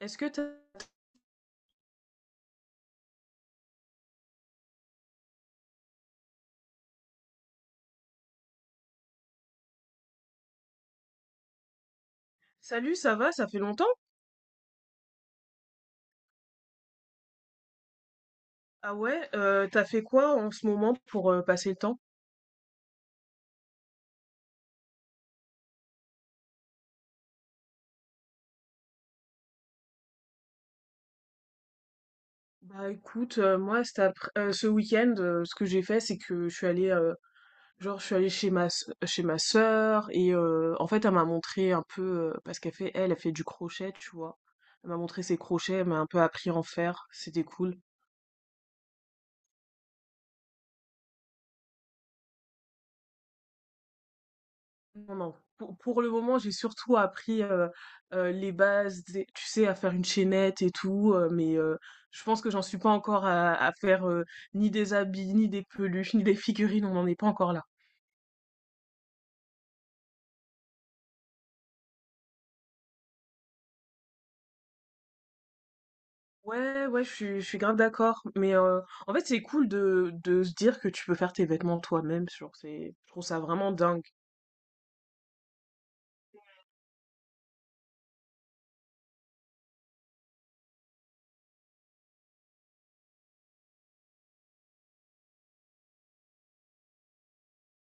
Est-ce que t'as... Salut, ça va? Ça fait longtemps? Ah ouais, t'as fait quoi en ce moment pour passer le temps? Bah écoute, moi ce week-end, ce que j'ai fait, c'est que je suis allée chez ma sœur et en fait elle m'a montré un peu parce qu'elle fait du crochet, tu vois. Elle m'a montré ses crochets, elle m'a un peu appris à en faire, c'était cool. Non, non. Pour le moment, j'ai surtout appris, les bases des tu sais, à faire une chaînette et tout, mais je pense que j'en suis pas encore à faire, ni des habits, ni des peluches, ni des figurines, on n'en est pas encore là. Ouais, ouais, je suis grave d'accord, mais en fait, c'est cool de se dire que tu peux faire tes vêtements toi-même, genre, c'est je trouve ça vraiment dingue.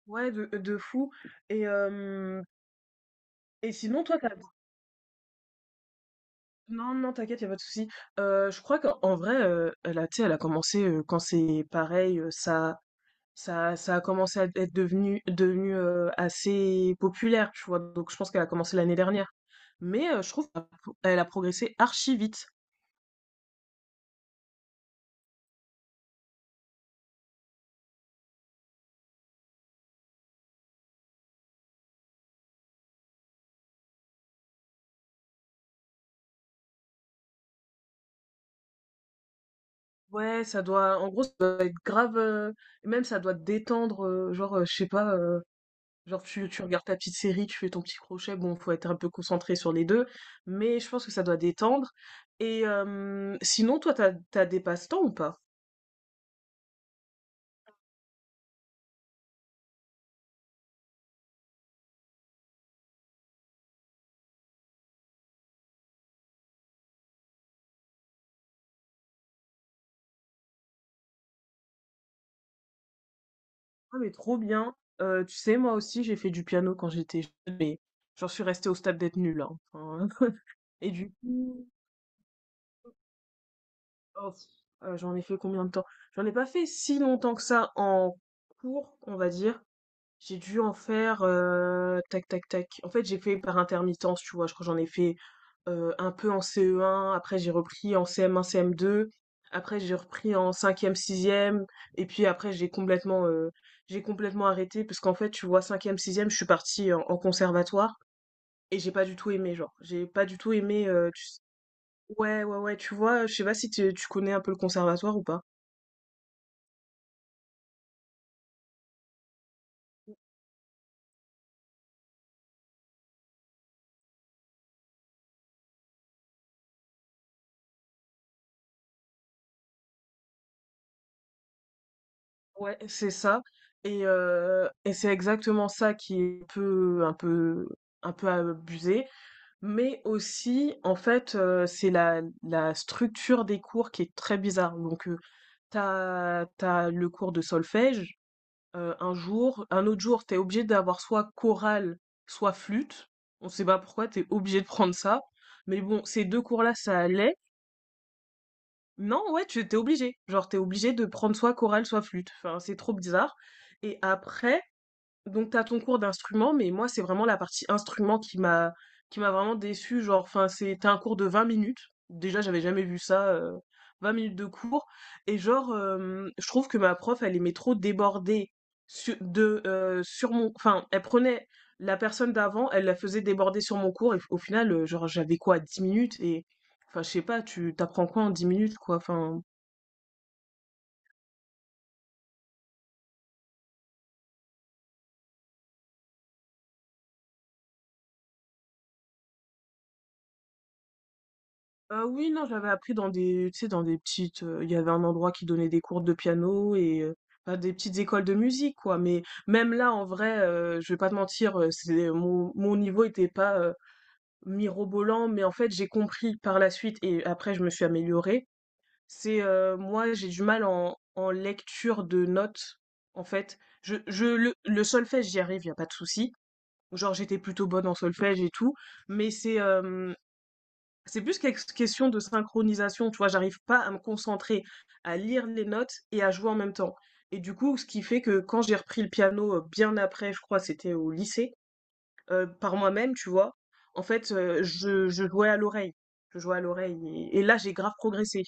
Ouais, de fou et hem et sinon toi Non, non, t'inquiète, y a pas de souci. Je crois qu'en en vrai, elle a tu sais, elle a commencé, quand c'est pareil, ça a commencé à être assez populaire, tu vois? Donc je pense qu'elle a commencé l'année dernière. Mais, je trouve qu'elle a progressé archi vite. Ouais, ça doit en gros, ça doit être grave, même ça doit détendre, genre, je sais pas, genre tu regardes ta petite série, tu fais ton petit crochet, bon, faut être un peu concentré sur les deux, mais je pense que ça doit détendre. Sinon, toi, t'as des passe-temps ou pas? Ah mais trop bien. Tu sais, moi aussi, j'ai fait du piano quand j'étais jeune, mais j'en suis restée au stade d'être nulle, hein. Enfin, et du coup, oh, j'en ai fait combien de temps? J'en ai pas fait si longtemps que ça en cours, on va dire. J'ai dû en faire, tac tac tac. En fait, j'ai fait par intermittence, tu vois? Je crois que j'en ai fait, un peu en CE1, après j'ai repris en CM1, CM2, après j'ai repris en cinquième, sixième. Et puis après j'ai j'ai complètement arrêté parce qu'en fait, tu vois, cinquième, sixième, je suis partie en conservatoire et j'ai pas du tout aimé, genre. J'ai pas du tout aimé, tu ouais, ouais, ouais, tu vois? Je sais pas si tu connais un peu le conservatoire ou pas? Ouais, c'est ça et c'est exactement ça qui est un peu un peu abusé, mais aussi, en fait, c'est la structure des cours qui est très bizarre. Donc, t'as as le cours de solfège, un jour, un autre jour, t'es obligé d'avoir soit chorale, soit flûte. On sait pas pourquoi, t'es obligé de prendre ça. Mais bon, ces 2 cours-là, ça allait. Non, ouais, tu étais obligé. Genre, t'es obligé de prendre soit chorale, soit flûte. Enfin, c'est trop bizarre. Et après, donc t'as ton cours d'instrument, mais moi c'est vraiment la partie instrument qui m'a vraiment déçue, genre enfin c'était un cours de 20 minutes. Déjà, j'avais jamais vu ça 20 minutes de cours et genre je trouve que ma prof elle aimait trop déborder sur, de sur mon enfin elle prenait la personne d'avant, elle la faisait déborder sur mon cours et au final genre j'avais quoi 10 minutes et enfin je sais pas, tu t'apprends quoi en 10 minutes quoi. Enfin... oui, non, j'avais appris dans des tu sais, dans des petites, il y avait un endroit qui donnait des cours de piano et bah, des petites écoles de musique, quoi. Mais même là, en vrai, je vais pas te mentir, c'est mon niveau était pas, mirobolant, mais en fait, j'ai compris par la suite et après je me suis améliorée. C'est, moi, j'ai du mal en lecture de notes, en fait. Je le solfège, j'y arrive, y a pas de souci. Genre, j'étais plutôt bonne en solfège et tout, mais c'est, hem c'est plus quelque question de synchronisation, tu vois, j'arrive pas à me concentrer, à lire les notes et à jouer en même temps. Et du coup, ce qui fait que quand j'ai repris le piano bien après, je crois, c'était au lycée, par moi-même, tu vois, en fait, je jouais à l'oreille. Je jouais à l'oreille. Et là, j'ai grave progressé.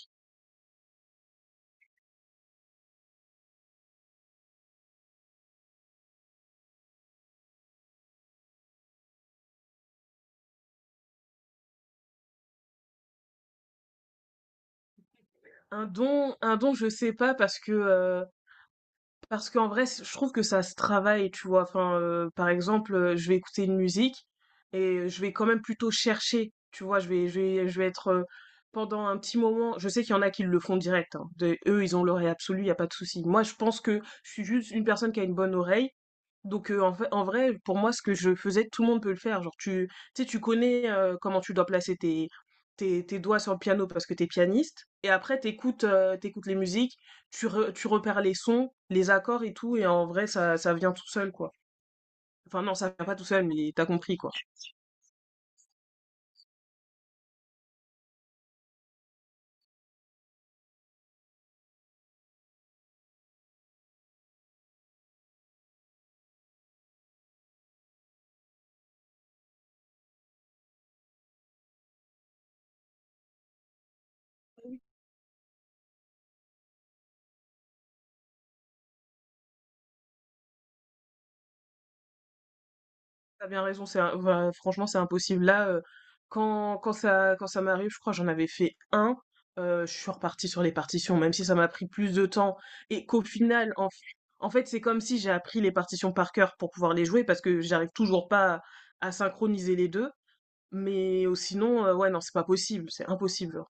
Un don, je sais pas, parce que parce qu'en vrai, c je trouve que ça se travaille, tu vois? Enfin, par exemple, je vais écouter une musique et je vais quand même plutôt chercher, tu vois? Je vais être, pendant un petit moment je sais qu'il y en a qui le font direct, hein. Des eux, ils ont l'oreille absolue, y a pas de souci. Moi, je pense que je suis juste une personne qui a une bonne oreille, donc en fait en vrai, pour moi, ce que je faisais, tout le monde peut le faire. Genre tu sais, tu connais, comment tu dois placer tes doigts sur le piano parce que t'es pianiste et après t'écoutes écoutes, les musiques, tu repères les sons, les accords et tout, et en vrai, ça vient tout seul, quoi. Enfin, non, ça vient pas tout seul, mais t'as compris, quoi. T'as bien raison, enfin, franchement, c'est impossible. Là, quand ça m'arrive, je crois que j'en avais fait un, je suis repartie sur les partitions, même si ça m'a pris plus de temps, et qu'au final, en fait, c'est comme si j'ai appris les partitions par cœur pour pouvoir les jouer, parce que j'arrive toujours pas à, à synchroniser les deux, mais sinon, ouais, non, c'est pas possible, c'est impossible.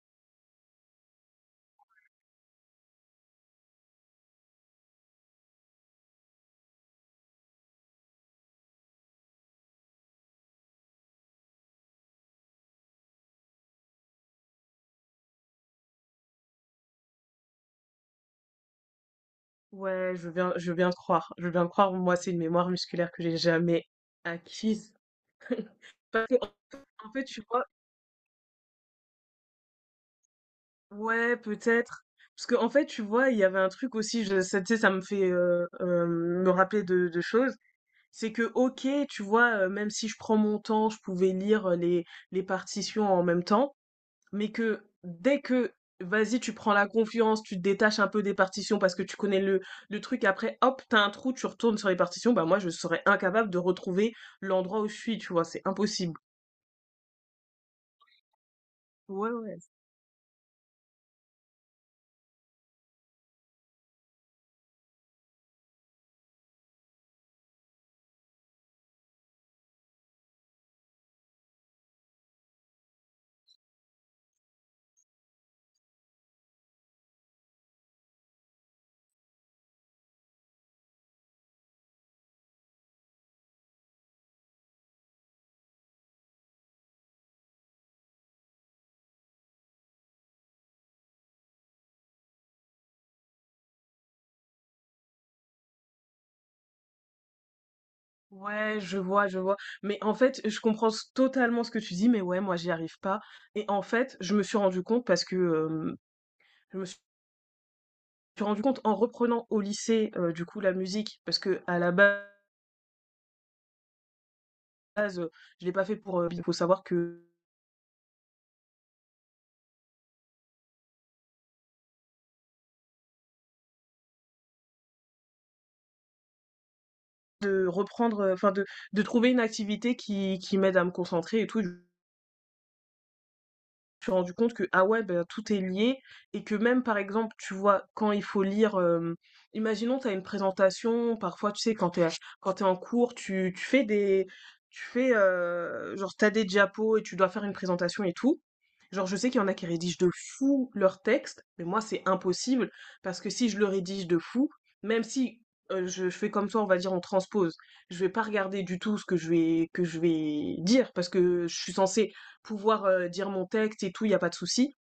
Ouais, je veux bien te croire. Je veux bien te croire. Moi, c'est une mémoire musculaire que j'ai jamais acquise. Parce que, en fait, tu vois, ouais, peut-être. Parce que, en fait, tu vois, il y avait un truc aussi, tu sais, ça me fait me rappeler de choses. C'est que, ok, tu vois, même si je prends mon temps, je pouvais lire les partitions en même temps. Mais que dès que tu prends la confiance, tu te détaches un peu des partitions parce que tu connais le truc, après hop, t'as un trou, tu retournes sur les partitions, bah moi je serais incapable de retrouver l'endroit où je suis, tu vois, c'est impossible. Ouais, ouais. Ouais, je vois, je vois. Mais en fait, totalement ce que tu dis, mais ouais, moi, j'y arrive pas. Et en fait, je me suis rendu compte en reprenant au lycée, du coup, la musique, parce que à la base, euh, je l'ai pas fait pour. Il faut savoir que enfin de trouver une activité qui m'aide à me concentrer et tout suis rendu compte que, ah ouais, ben, tout est lié et que même, par exemple, tu vois, quand il faut lire, imaginons, tu as une présentation, parfois, tu sais, quand tu es, quand tu en cours, tu fais, genre, t'as des diapos et tu dois faire une présentation et tout. Genre, je sais qu'il y en a qui rédigent de fou leur texte, mais moi, c'est impossible parce que si je le rédige de fou, même si je fais comme toi, on va dire, on transpose, je vais pas regarder du tout ce que je vais dire parce que je suis censée pouvoir dire mon texte et tout, il n'y a pas de souci.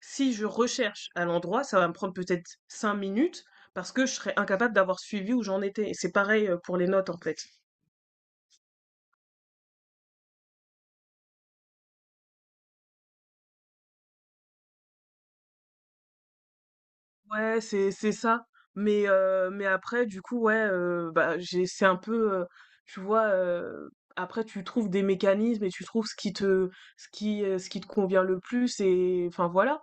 Si je recherche à l'endroit, ça va me prendre peut-être cinq minutes parce que je serais incapable d'avoir suivi où j'en étais. Et c'est pareil pour les notes en fait. Ouais, c'est ça. Mais après, du coup, ouais, bah j'ai c'est un peu, tu vois. Après, tu trouves des mécanismes et tu trouves ce qui te convient le plus et enfin voilà.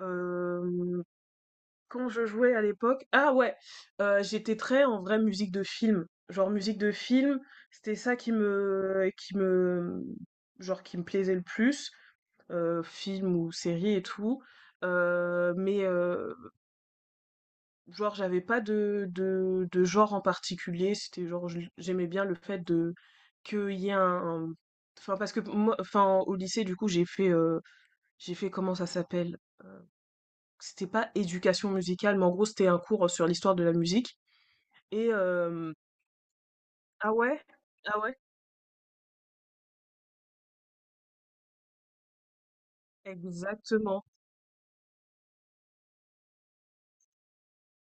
Euh, quand je jouais à l'époque, ah ouais, j'étais très en vrai musique de film. Genre musique de film, c'était ça qui me genre qui me plaisait le plus, film ou série et tout. Heu, mais, heu, genre j'avais pas de genre en particulier, c'était genre je j'aimais bien le fait de qu'il y ait un enfin parce que moi enfin au lycée du coup j'ai fait comment ça s'appelle? Heu, c'était pas éducation musicale, mais en gros c'était un cours sur l'histoire de la musique. Et hem ah ouais? Ah ouais? Exactement.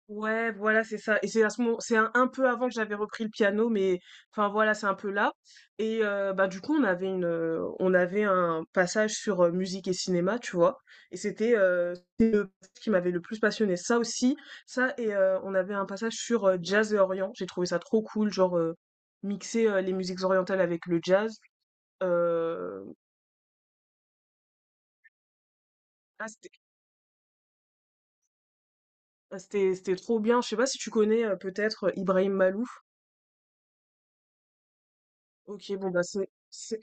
Ouais, voilà, c'est ça et c'est à ce moment c'est un peu avant que j'avais repris le piano mais enfin, voilà, c'est un peu là et bah, du coup, on avait un passage sur, musique et cinéma, tu vois? Et c'était, c'était le ce qui m'avait le plus passionné. Ça aussi, ça et on avait un passage sur, jazz et orient. J'ai trouvé ça trop cool, genre, mixer, les musiques orientales avec le jazz, heu, ah, ah, c'était, c'était trop bien. Je sais pas si tu connais peut-être Ibrahim Malouf. Ok, bon bah c'est, c'est-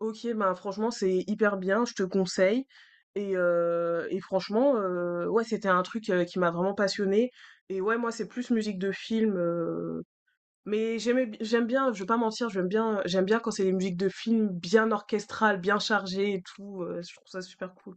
ok bah franchement c'est hyper bien. Je te conseille. Et franchement, ouais, c'était un truc qui m'a vraiment passionnée. Et ouais, moi c'est plus musique de film. J'aime bien. Je vais pas mentir, j'aime bien quand c'est des musiques de film bien orchestrales, bien chargées et tout. Je trouve ça super cool.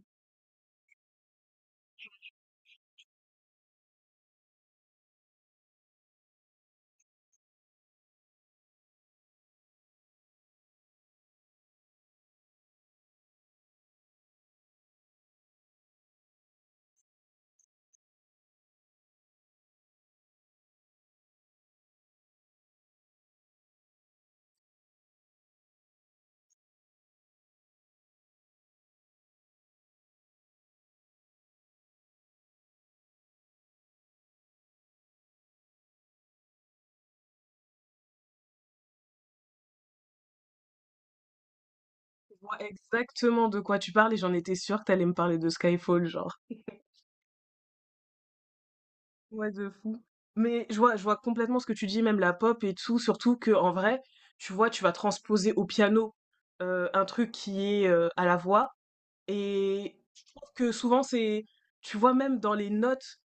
Je vois exactement de quoi tu parles et j'en étais sûre que t'allais me parler de Skyfall, genre. Ouais, de fou. Mais je vois complètement ce que tu dis, même la pop et tout, surtout que en vrai, tu vois, tu vas transposer au piano un truc qui est à la voix. Et je trouve que souvent, tu vois, même dans les notes,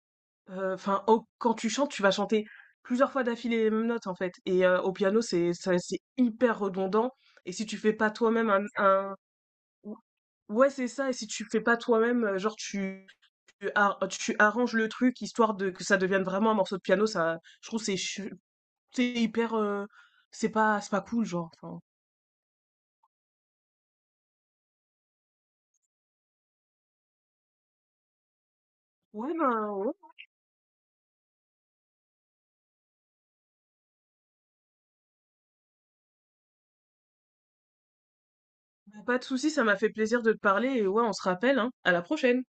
enfin, quand tu chantes, tu vas chanter plusieurs fois d'affilée les mêmes notes, en fait. Et au piano, c'est hyper redondant. Et si tu fais pas toi-même un, ou ouais, c'est ça et si tu fais pas toi-même, genre tu arranges le truc histoire de que ça devienne vraiment un morceau de piano, ça je trouve c'est hyper, c'est pas cool genre, enfin. Ouais, ben, ouais, bah, pas de souci, ça m'a fait plaisir de te parler et ouais, on se rappelle, hein. À la prochaine.